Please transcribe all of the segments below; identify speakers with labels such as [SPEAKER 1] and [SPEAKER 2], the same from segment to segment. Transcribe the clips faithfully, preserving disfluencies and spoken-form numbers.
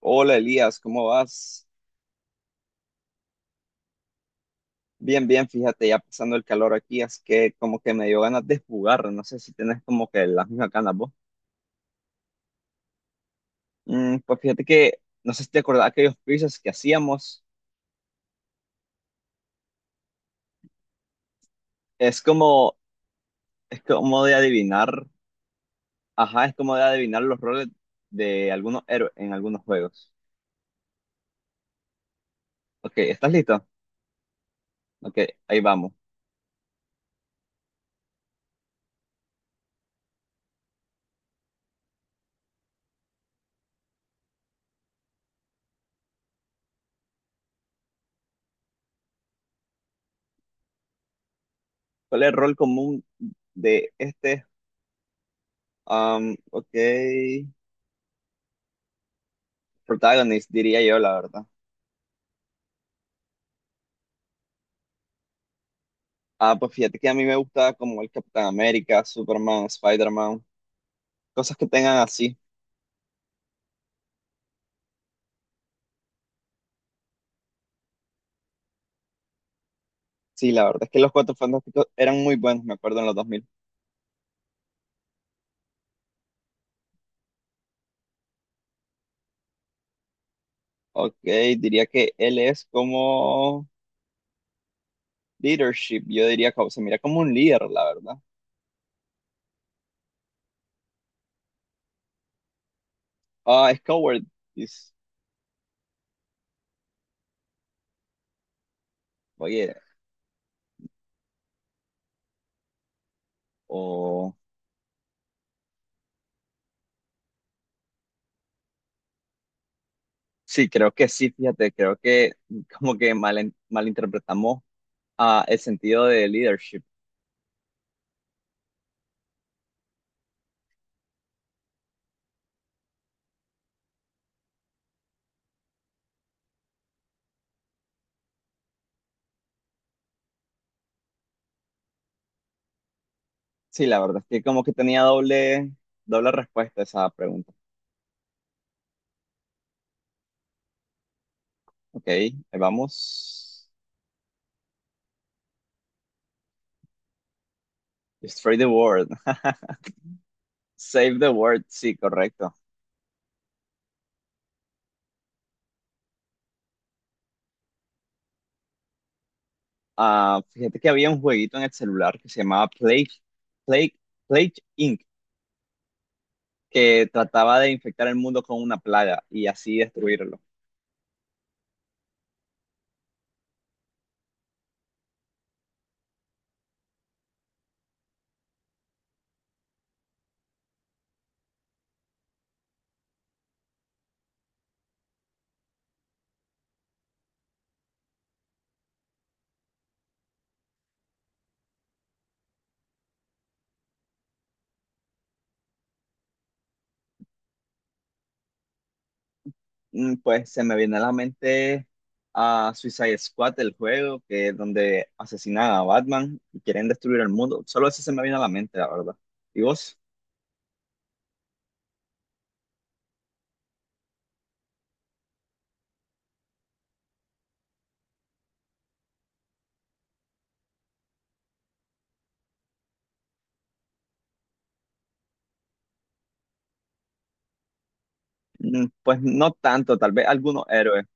[SPEAKER 1] Hola Elías, ¿cómo vas? Bien, bien, fíjate, ya pasando el calor aquí, es que como que me dio ganas de jugar, no sé si tenés como que las mismas ganas vos. Mm, pues fíjate que, no sé si te acordás aquellos quizzes que hacíamos, es como, es como de adivinar, ajá, es como de adivinar los roles de algunos héroes en algunos juegos. Ok, ¿estás listo? Ok, ahí vamos. ¿Cuál es el rol común de este? Um, ok, protagonist diría yo, la verdad. Ah, pues fíjate que a mí me gusta como el Capitán América, Superman, Spider-Man, cosas que tengan así. Sí, la verdad es que los Cuatro Fantásticos eran muy buenos, me acuerdo, en los dos mil. Ok, diría que él es como leadership, yo diría que se mira como un líder, la verdad. Ah, es coward, dice, oye, o... Sí, creo que sí, fíjate, creo que como que mal, malinterpretamos ah, el sentido de leadership. Sí, la verdad es que como que tenía doble, doble respuesta a esa pregunta. Ok, ahí vamos. Destroy the world. Save the world, sí, correcto. Ah, fíjate que había un jueguito en el celular que se llamaba Plague, Plague, Plague inc, que trataba de infectar el mundo con una plaga y así destruirlo. Mm, Pues se me viene a la mente a Suicide Squad, el juego, que es donde asesinan a Batman y quieren destruir el mundo. Solo eso se me viene a la mente, la verdad. ¿Y vos? Mm, Pues no tanto, tal vez algunos héroes.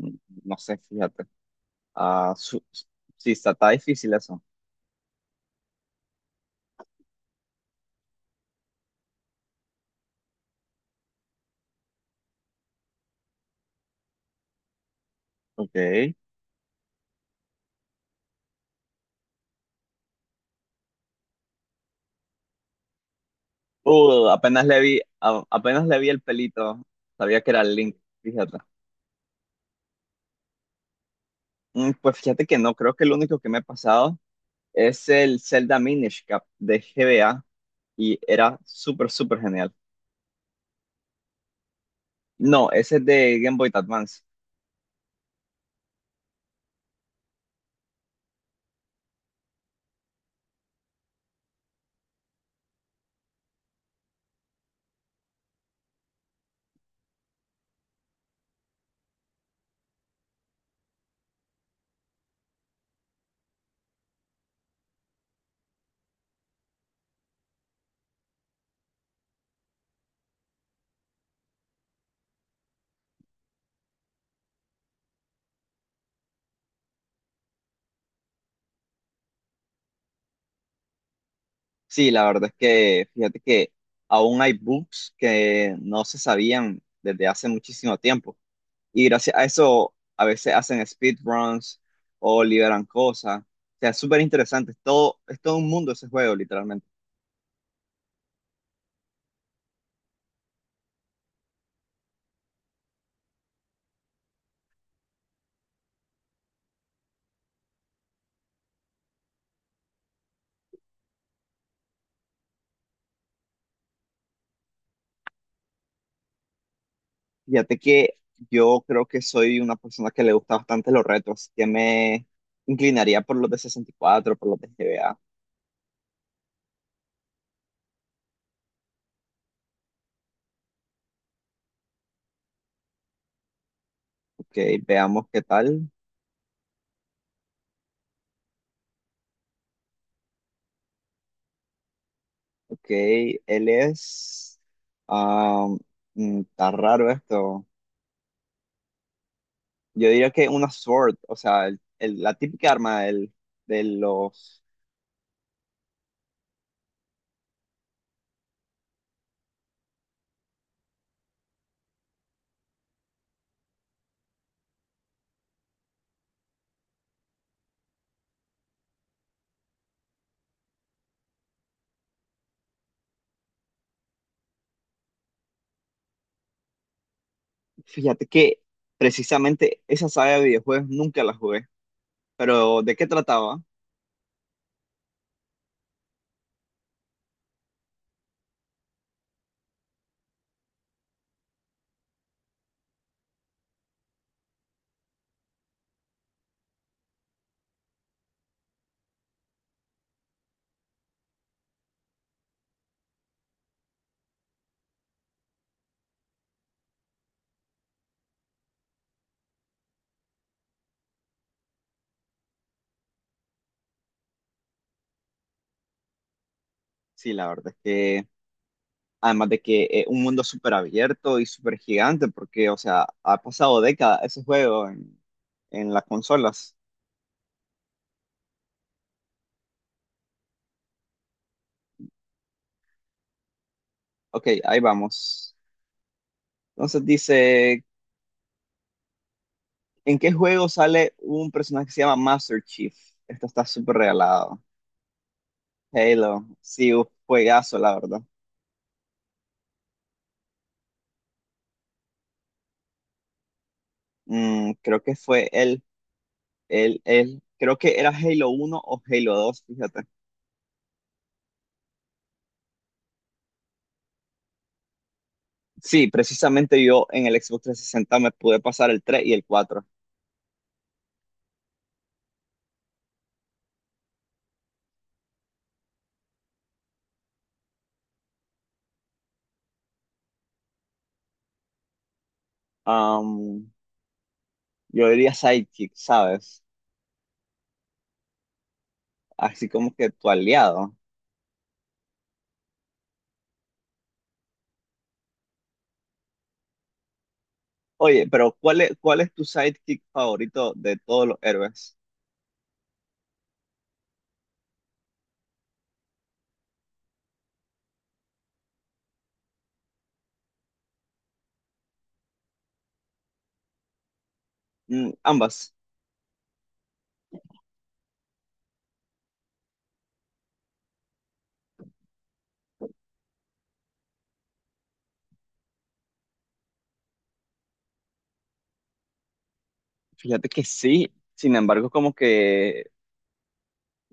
[SPEAKER 1] Mm, No sé, fíjate. Ah, su- sí, está, está difícil eso. Ok. Uh, apenas le vi, a- apenas le vi el pelito. Sabía que era el Link, fíjate. Mm, pues fíjate que no, creo que el único que me ha pasado es el Zelda Minish Cap de G B A y era súper, súper genial. No, ese es de Game Boy Advance. Sí, la verdad es que fíjate que aún hay bugs que no se sabían desde hace muchísimo tiempo. Y gracias a eso a veces hacen speedruns o liberan cosas. O sea, es súper interesante. Es todo, es todo un mundo ese juego, literalmente. Fíjate que yo creo que soy una persona que le gusta bastante los retos, así que me inclinaría por los de sesenta y cuatro por los de G B A. Ok, veamos qué tal. Ok, él es... ah, mm, está raro esto. Yo diría que una sword, o sea, el- el- la típica arma del, de los. Fíjate que precisamente esa saga de videojuegos nunca la jugué, pero ¿de qué trataba? Sí, la verdad es que, además de que eh, un mundo súper abierto y súper gigante, porque, o sea, ha pasado décadas ese juego en, en las consolas. Ok, ahí vamos. Entonces dice, ¿en qué juego sale un personaje que se llama Master Chief? Esto está súper regalado. Halo, sí, un juegazo, la verdad. Mm, creo que fue él. Él, él, creo que era Halo uno o Halo dos fíjate. Sí, precisamente yo en el Xbox trescientos sesenta me pude pasar el tres y el cuatro. Am, yo diría sidekick, ¿sabes? Así como que tu aliado. Oye, pero ¿cuál es, ¿cuál es tu sidekick favorito de todos los héroes? Mm, ambas. Fíjate que sí, sin embargo, como que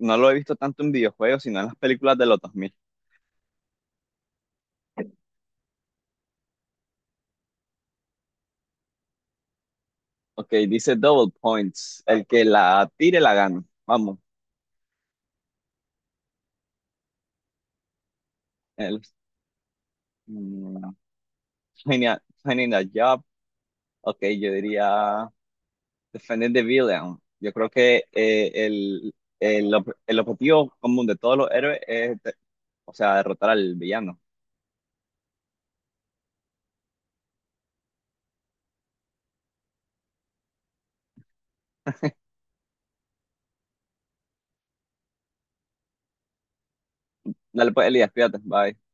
[SPEAKER 1] no lo he visto tanto en videojuegos, sino en las películas de los dos mil. Ok, dice Double Points. El que la tire la gana. Vamos. El, Mm, Genial, genial job. Ok, yo diría Defending the Villain. Yo creo que eh, el, el, ob- el objetivo común de todos los héroes es, de- o sea, derrotar al villano. Dale pues, Elías, cuídate, bye.